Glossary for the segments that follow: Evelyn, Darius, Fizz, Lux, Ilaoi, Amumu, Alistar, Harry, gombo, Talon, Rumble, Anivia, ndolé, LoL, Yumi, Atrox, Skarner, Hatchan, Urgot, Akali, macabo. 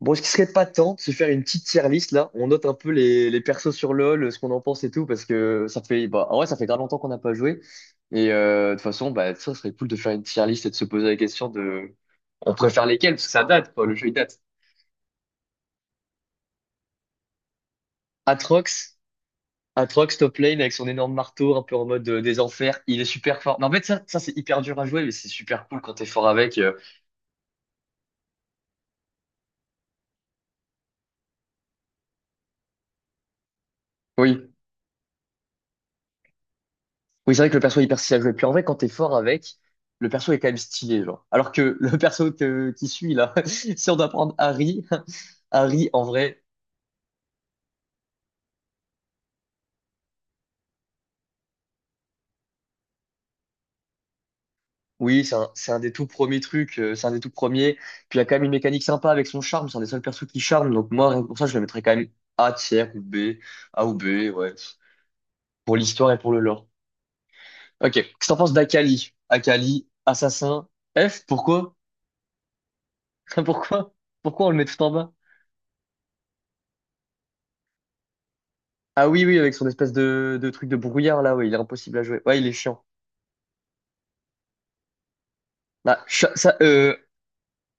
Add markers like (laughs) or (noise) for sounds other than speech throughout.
Bon, est-ce qu'il serait pas temps de se faire une petite tier list là? On note un peu les persos sur LoL, ce qu'on en pense et tout, parce que ça fait, bah, en vrai, ça fait grave longtemps qu'on n'a pas joué. Et de toute façon, bah, ça serait cool de faire une tier list et de se poser la question de, on préfère lesquels, parce que ça date, quoi, le jeu il date. Atrox, Atrox top lane avec son énorme marteau, un peu en mode des enfers, il est super fort. Mais en fait, ça c'est hyper dur à jouer, mais c'est super cool quand t'es fort avec. Oui. Oui, c'est vrai que le perso est hyper stylé à jouer. Puis en vrai, quand t'es fort avec, le perso est quand même stylé, genre. Alors que le (laughs) qui suit, là, (laughs) si on doit prendre Harry, (laughs) Harry, en vrai, oui, c'est c'est un des tout premiers trucs, c'est un des tout premiers. Puis il y a quand même une mécanique sympa avec son charme, c'est un des seuls persos qui charme. Donc moi, rien que pour ça, je le mettrais quand même A tiers ou B, A ou B, ouais, pour l'histoire et pour le lore. Ok, qu'est-ce que t'en penses d'Akali? Akali, assassin, F, pourquoi? (laughs) Pourquoi? Pourquoi on le met tout en bas? Ah oui, oui, avec son espèce de, truc de brouillard là, ouais, il est impossible à jouer. Ouais, il est chiant. Bah, Sha- ça, euh,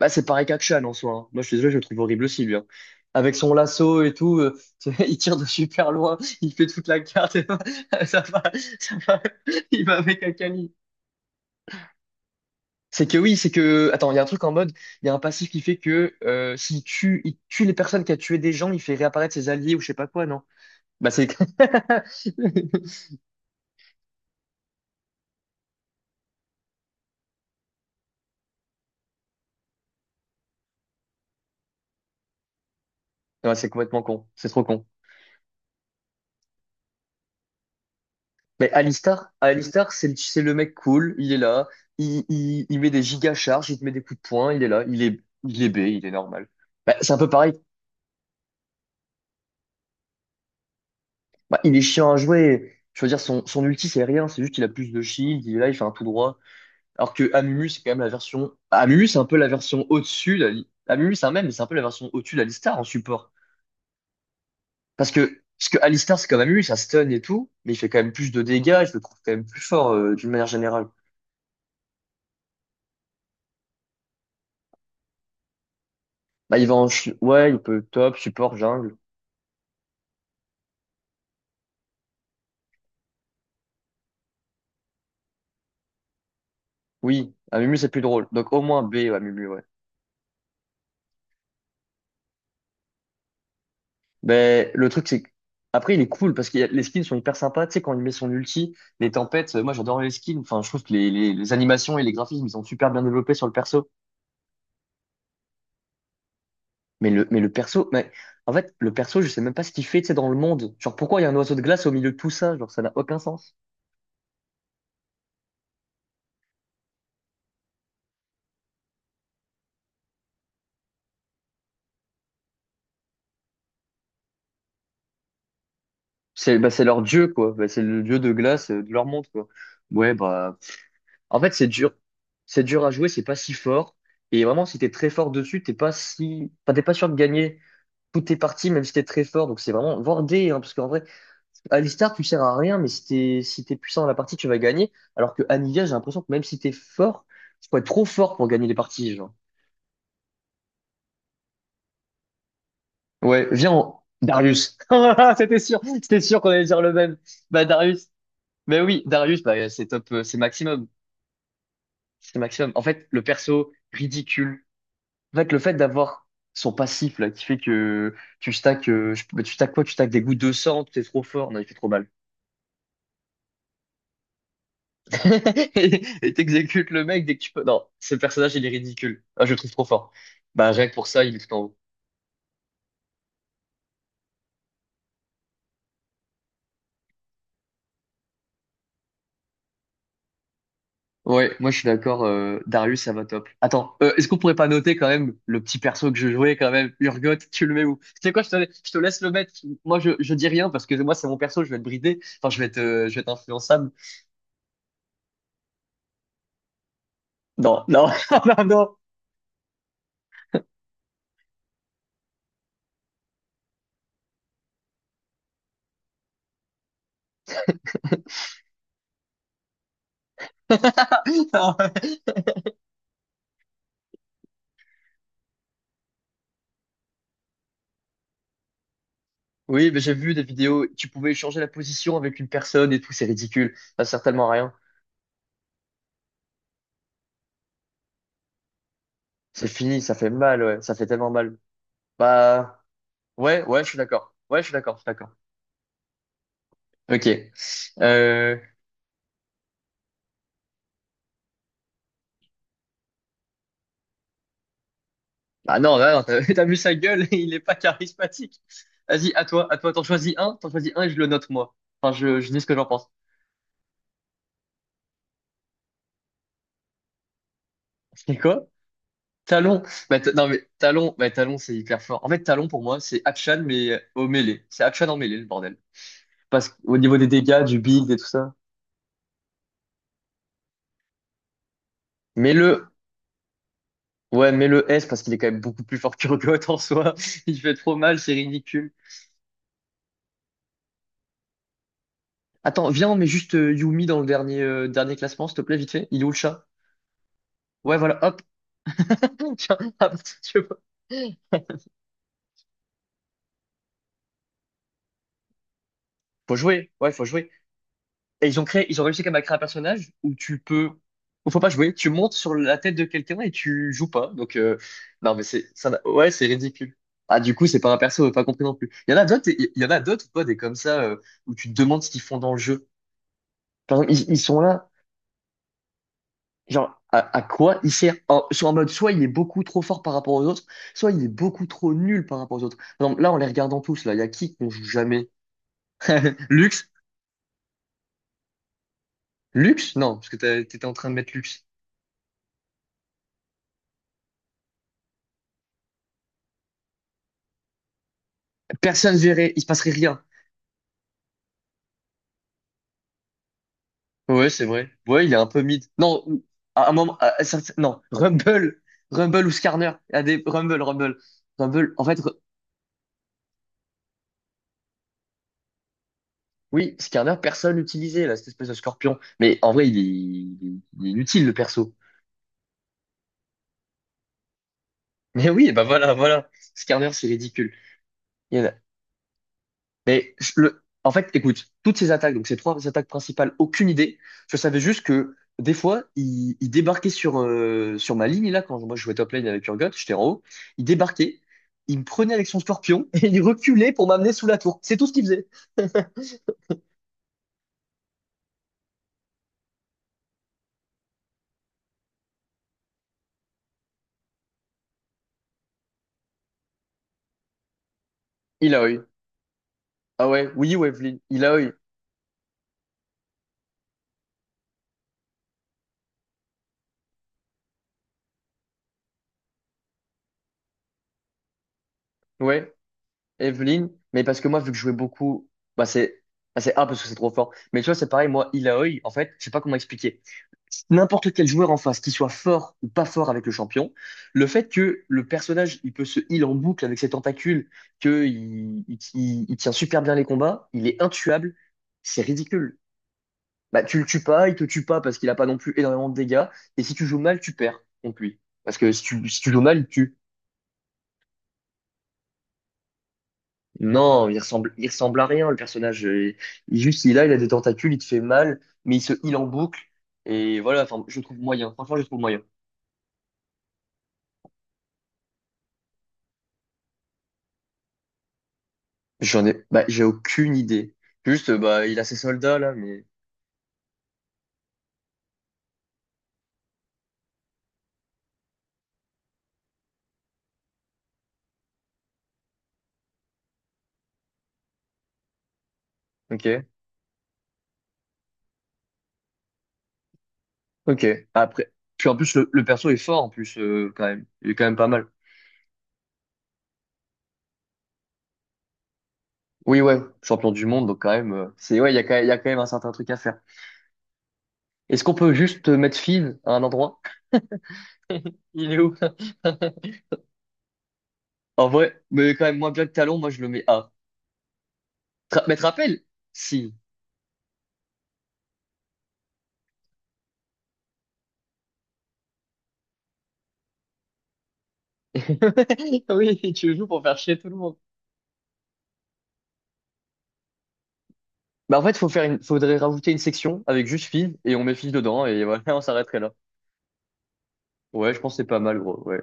bah c'est pareil qu'Akshan en soi, hein. Moi, je suis désolé, je le trouve horrible aussi, lui, hein. Avec son lasso et tout, (laughs) il tire de super loin, il fait toute la carte, et (laughs) ça va, ça va, (laughs) il va avec Akali. C'est que oui, c'est que. Attends, il y a un truc en mode, il y a un passif qui fait que s'il tue, il tue les personnes qui a tué des gens, il fait réapparaître ses alliés ou je sais pas quoi, non? Bah, c'est. (laughs) Ouais, c'est complètement con. C'est trop con. Mais Alistar, Alistar, c'est le mec cool, il est là, il met des gigacharges, il te met des coups de poing, il est là, il est B, il est normal. Bah, c'est un peu pareil. Bah, il est chiant à jouer, je veux dire, son ulti c'est rien, c'est juste qu'il a plus de shield, il est là, il fait un tout droit. Alors que Amumu, c'est quand même la version... Amumu, c'est un peu la version au-dessus, Amumu c'est un même, mais c'est un peu la version au-dessus d'Alistar en support. Parce que Alistar c'est comme Amumu, ça stun et tout, mais il fait quand même plus de dégâts, je le trouve quand même plus fort d'une manière générale. Bah, il va en... ch- Ouais, il peut top, support, jungle. Oui, à Mumu, c'est plus drôle. Donc au moins B à Mumu, ouais. Mais le truc, c'est que... Après, il est cool parce que les skins sont hyper sympas. Tu sais, quand il met son ulti, les tempêtes, moi j'adore les skins. Enfin, je trouve que les animations et les graphismes, ils sont super bien développés sur le perso. Mais le perso, mais en fait, le perso, je sais même pas ce qu'il fait, tu sais, dans le monde. Genre, pourquoi il y a un oiseau de glace au milieu de tout ça? Genre, ça n'a aucun sens. C'est leur dieu, quoi. Bah, c'est le dieu de glace de leur monde, quoi. Ouais, bah, en fait, c'est dur. C'est dur à jouer, c'est pas si fort. Et vraiment, si t'es très fort dessus, t'es pas si, enfin, t'es pas sûr de gagner toutes tes parties, même si t'es très fort. Donc c'est vraiment, voire D, hein, parce qu'en vrai, Alistar, tu sers à rien, mais si t'es puissant dans la partie, tu vas gagner. Alors que Anivia, j'ai l'impression que même si t'es fort, tu peux être trop fort pour gagner les parties, genre. Ouais, viens, on- Darius. (laughs) Ah, c'était sûr, c'était sûr qu'on allait dire le même. Bah, Darius. Mais oui, Darius, bah, c'est top, c'est maximum. C'est maximum. En fait, le perso ridicule, en fait, le fait d'avoir son passif là, qui fait que tu stacks, bah, tu stacks quoi? Tu stacks des gouttes de sang, t'es trop fort, non, il fait trop mal. (laughs) Et t'exécutes le mec dès que tu peux. Non, ce personnage, il est ridicule. Ah, je le trouve trop fort. Bah, rien que pour ça, il est tout en haut. Ouais, moi je suis d'accord, Darius, ça va top. Attends, est-ce qu'on pourrait pas noter quand même le petit perso que je jouais quand même, Urgot, tu le mets où? Tu sais quoi, je te laisse le mettre. Je dis rien parce que moi c'est mon perso, je vais être bridé. Enfin, je vais être influençable. Non, non, (laughs) non, non, non. Oui, mais j'ai vu des vidéos, tu pouvais changer la position avec une personne et tout, c'est ridicule. Ça sert tellement à rien. C'est fini, ça fait mal, ouais, ça fait tellement mal. Bah, ouais, ouais, je suis d'accord. Ouais, je suis d'accord, je suis d'accord. Ok. Euh... Ah non, là, non, t'as (laughs) t'as vu sa gueule, (laughs) il est pas charismatique. Vas-y, à toi, t'en choisis un et je le note moi. Enfin, je dis ce que j'en pense. (laughs) C'est quoi? Talon. Bah, non, mais Talon, bah, Talon, c'est hyper fort. En fait, Talon, pour moi, c'est Hatchan, mais au mêlée. C'est Hatchan en mêlée, le bordel. Parce qu'au niveau des dégâts, du build et tout ça. mais le, ouais, mais le S parce qu'il est quand même beaucoup plus fort que Urgot en soi. (laughs) Il fait trop mal, c'est ridicule. Attends, viens, on met juste Yumi dans le dernier, dernier classement, s'il te plaît, vite fait. Il est où le chat? Ouais, voilà, hop. (laughs) Tiens, ah, tu vois. Faut jouer, ouais, faut jouer. Et ils ont créé, ils ont réussi quand même à créer un personnage où tu peux, où faut pas jouer. Tu montes sur la tête de quelqu'un et tu joues pas. Donc, non, mais c'est, ça, n'a- ouais, c'est ridicule. Ah, du coup, c'est pas un perso, pas compris non plus. Il y en a d'autres, ou pas des comme ça, où tu te demandes ce qu'ils font dans le jeu. Par exemple, ils sont là. Genre, à quoi il sert? Soit en mode, soit il est beaucoup trop fort par rapport aux autres, soit il est beaucoup trop nul par rapport aux autres. Par exemple, là, en les regardant tous, là, il y a qui qu'on joue jamais? (laughs) Lux? Lux? Non, parce que t'étais en train de mettre Lux. Personne verrait, il se passerait rien. Ouais, c'est vrai. Ouais, il est un peu mid. Non, ou- à un moment, à certain- non, Rumble, Rumble ou Skarner. Il y a des Rumble. Oui, Skarner, personne l'utilisait, là, cette espèce de scorpion. Mais en vrai, il est inutile, le perso. Mais oui, bah voilà, voilà. Skarner, c'est ridicule. Il y en a- Mais je- le... En fait, écoute, toutes ces attaques, donc ces trois attaques principales, aucune idée. Je savais juste que des fois, il débarquait sur, sur ma ligne, là, quand moi je jouais top lane avec Urgot, j'étais en haut. Il débarquait, il me prenait avec son scorpion (laughs) et il reculait pour m'amener sous la tour. C'est tout ce qu'il faisait. (laughs) Il a eu. Ah ouais, oui, Waveling. Il a eu. Ouais. Evelyn, mais parce que moi, vu que je jouais beaucoup, bah c'est bah, c'est A parce que c'est trop fort. Mais tu vois, c'est pareil, moi, Ilaoi, en fait, je sais pas comment expliquer. N'importe quel joueur en face, qu'il soit fort ou pas fort avec le champion, le fait que le personnage, il peut se heal en boucle avec ses tentacules, que il tient super bien les combats, il est intuable, c'est ridicule. Bah, tu le tues pas, il te tue pas parce qu'il a pas non plus énormément de dégâts, et si tu joues mal, tu perds contre lui. Parce que si tu joues mal, il te tue. Non, il ressemble à rien, le personnage. Il, juste, il a des tentacules, il te fait mal, mais il se heal en boucle. Et voilà, enfin, je trouve moyen. Franchement, je trouve moyen. J'en ai, bah, j'ai aucune idée. Juste, bah, il a ses soldats, là, mais. Ok, ok. Après. Puis en plus, le perso est fort, en plus, quand même. Il est quand même pas mal. Oui, ouais, champion du monde, donc quand même, ouais, il y a quand même un certain truc à faire. Est-ce qu'on peut juste mettre Fizz à un endroit? Il est où? (laughs) En vrai, mais quand même moins bien que Talon, moi je le mets A. Mais te rappelles? Si. (laughs) Oui, tu joues pour faire chier tout le monde. Bah en fait, faut faire une... faudrait rajouter une section avec juste filles et on met filles dedans et voilà, (laughs) on s'arrêterait là. Ouais, je pense que c'est pas mal, gros. Ouais.